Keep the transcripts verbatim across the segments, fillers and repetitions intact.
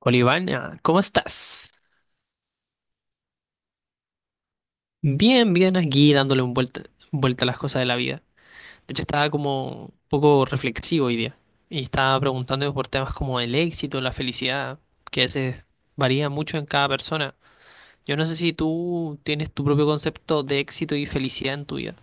Olivana, ¿cómo estás? Bien, bien, aquí dándole un vuelta, vuelta a las cosas de la vida. De hecho, estaba como un poco reflexivo hoy día y estaba preguntando por temas como el éxito, la felicidad, que a veces varía mucho en cada persona. Yo no sé si tú tienes tu propio concepto de éxito y felicidad en tu vida.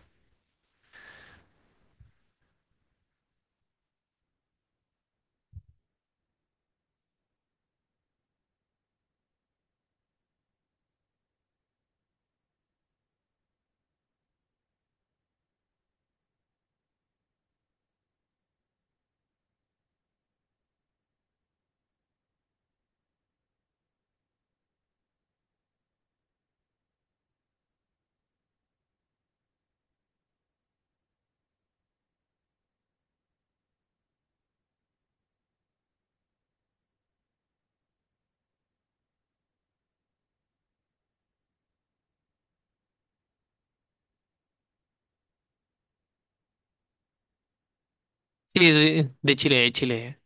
Sí, soy de Chile, de Chile.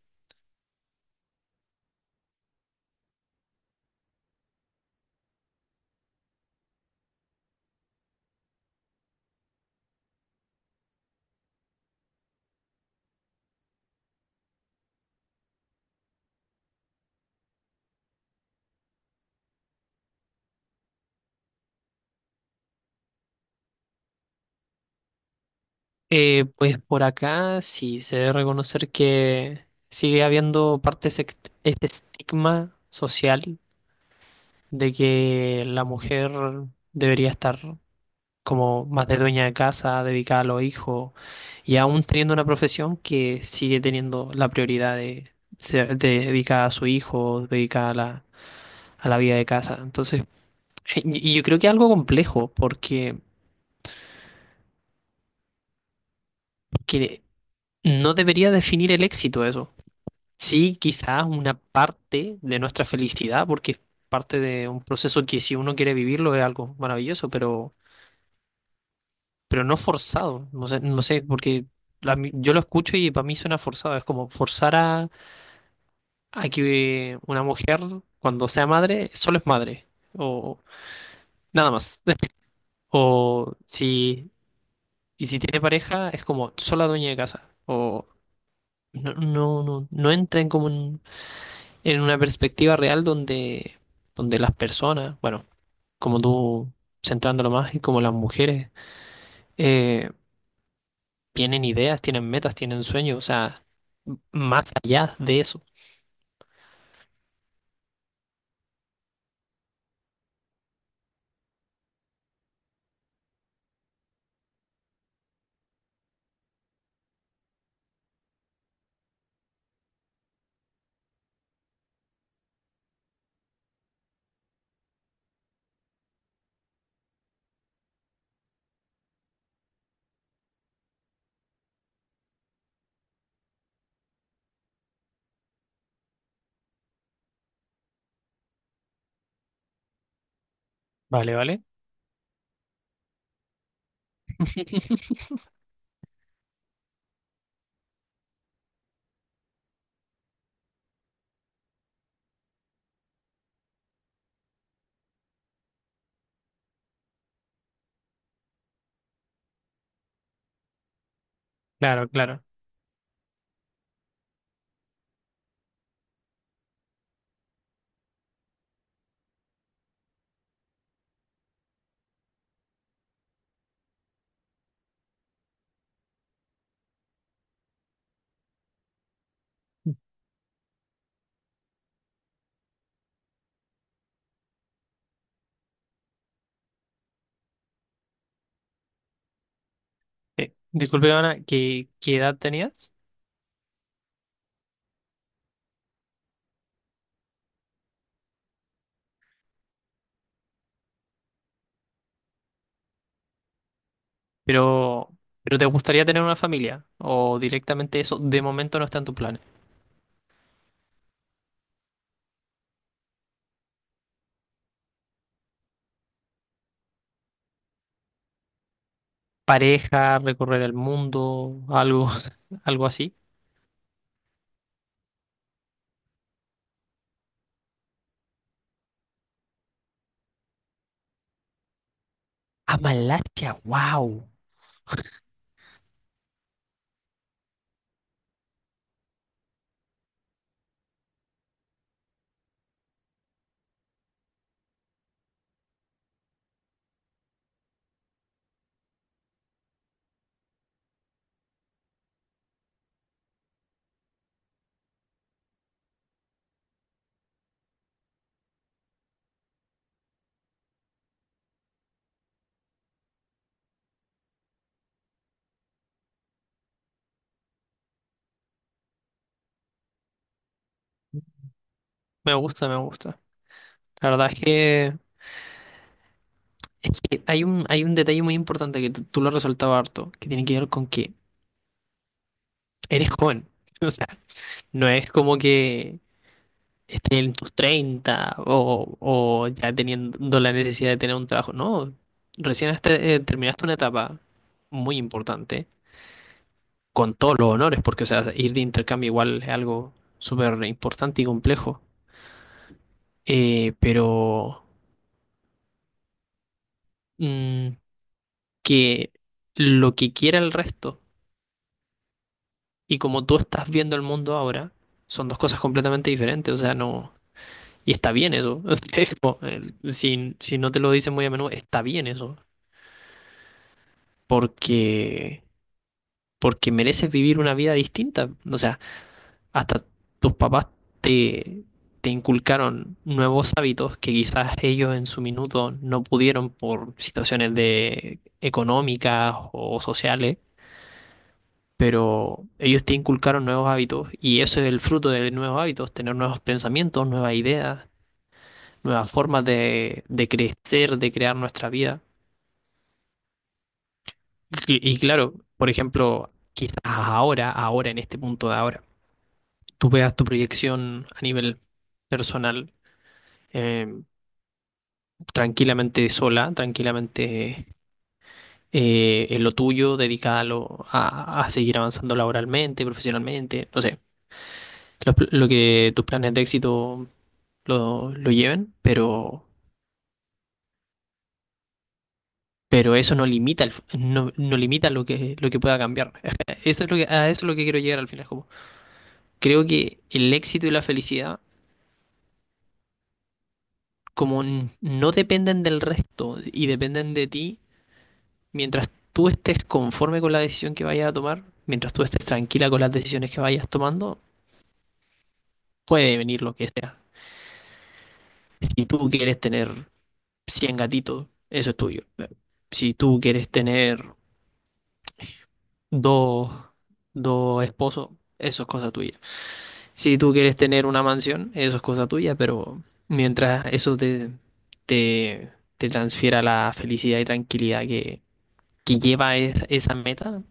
Eh, pues por acá sí, se debe reconocer que sigue habiendo parte de ese ect- este estigma social de que la mujer debería estar como más de dueña de casa, dedicada a los hijos, y aún teniendo una profesión que sigue teniendo la prioridad de ser de dedicada a su hijo, dedicada a la, a la vida de casa. Entonces, eh, y y yo creo que es algo complejo, porque, porque no debería definir el éxito eso. Sí, quizás una parte de nuestra felicidad, porque es parte de un proceso que si uno quiere vivirlo es algo maravilloso, pero pero no forzado. No sé, no sé, porque la mi- yo lo escucho y para mí suena forzado. Es como forzar a, a que una mujer, cuando sea madre, solo es madre. O nada más. O si, y si tiene pareja, es como sola dueña de casa. O no, no, no, no entra en como un- en una perspectiva real donde, donde las personas, bueno, como tú centrándolo más y como las mujeres. eh, Tienen ideas, tienen metas, tienen sueños, o sea, m- más allá de eso. Vale, vale. Claro, claro. Eh, disculpe, Ana, ¿qué, qué edad tenías? Pero, pero ¿te gustaría tener una familia? ¿O directamente eso de momento no está en tu plan? ¿Pareja, recorrer el mundo, algo, algo así? A Malasia, wow. Me gusta, me gusta. La verdad es que, es que hay un, hay un detalle muy importante que tú tú lo has resaltado harto, que tiene que ver con que eres joven. O sea, no es como que estés en tus treinta o, o ya teniendo la necesidad de tener un trabajo. No, recién hasta, eh, terminaste una etapa muy importante con todos los honores, porque o sea, ir de intercambio igual es algo súper importante y complejo. Eh, pero mm, que lo que quiera el resto y como tú estás viendo el mundo ahora son dos cosas completamente diferentes. O sea, no. Y está bien eso. O sea, es como, eh, si, si no te lo dicen muy a menudo, está bien eso. Porque, porque mereces vivir una vida distinta. O sea, hasta tus papás te, te inculcaron nuevos hábitos que quizás ellos en su minuto no pudieron por situaciones de económicas o sociales. Pero ellos te inculcaron nuevos hábitos y eso es el fruto de nuevos hábitos, tener nuevos pensamientos, nuevas ideas, nuevas formas de, de crecer, de crear nuestra vida. Y, y claro, por ejemplo, quizás ahora, ahora, en este punto de ahora, tú veas tu proyección a nivel personal eh, tranquilamente sola, tranquilamente eh, en lo tuyo, dedicada a, lo- a- a seguir avanzando laboralmente, profesionalmente, no sé, lo, lo que tus planes de éxito lo, lo lleven, pero, pero eso no limita, el, no, no limita lo que, lo que pueda cambiar. Eso es lo que, a eso es lo que quiero llegar al final, como creo que el éxito y la felicidad como n- no dependen del resto y dependen de ti, mientras tú estés conforme con la decisión que vayas a tomar, mientras tú estés tranquila con las decisiones que vayas tomando, puede venir lo que sea. Si tú quieres tener cien gatitos, eso es tuyo. Si tú quieres tener dos, dos esposos, eso es cosa tuya. Si tú quieres tener una mansión, eso es cosa tuya, pero mientras eso te, te, te transfiera la felicidad y tranquilidad que lleva es- esa meta,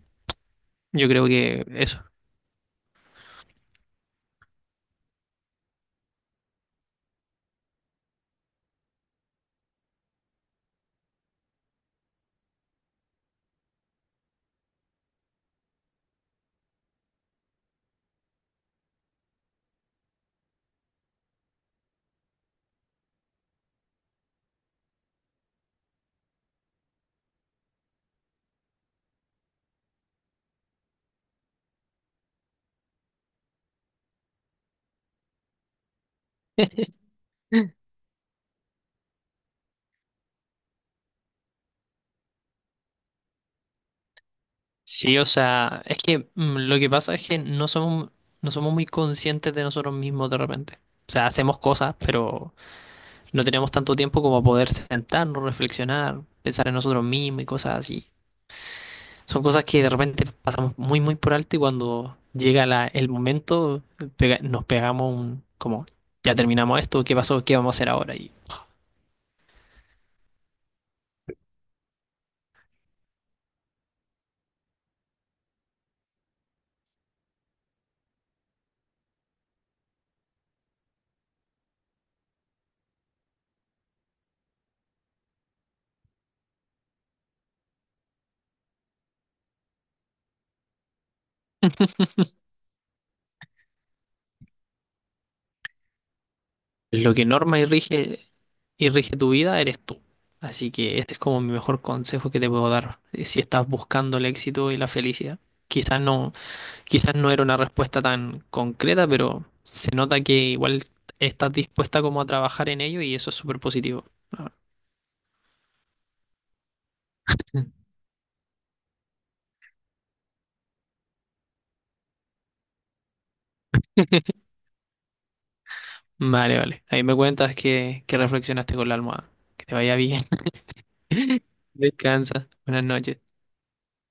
yo creo que eso. Sí, o sea, es que mm, lo que pasa es que no somos, no somos muy conscientes de nosotros mismos de repente. O sea, hacemos cosas, pero no tenemos tanto tiempo como poder sentarnos, reflexionar, pensar en nosotros mismos y cosas así. Son cosas que de repente pasamos muy, muy por alto y cuando llega la- el momento, pega- nos pegamos un, como, ya terminamos esto, ¿qué pasó? ¿Qué vamos a hacer ahora? Lo que norma y rige y rige tu vida eres tú. Así que este es como mi mejor consejo que te puedo dar. Eh, Si estás buscando el éxito y la felicidad, quizás no, quizás no era una respuesta tan concreta, pero se nota que igual estás dispuesta como a trabajar en ello y eso es súper positivo. Ah, vale, vale. Ahí me cuentas que, que reflexionaste con la almohada. Que te vaya bien. Descansa. Buenas noches.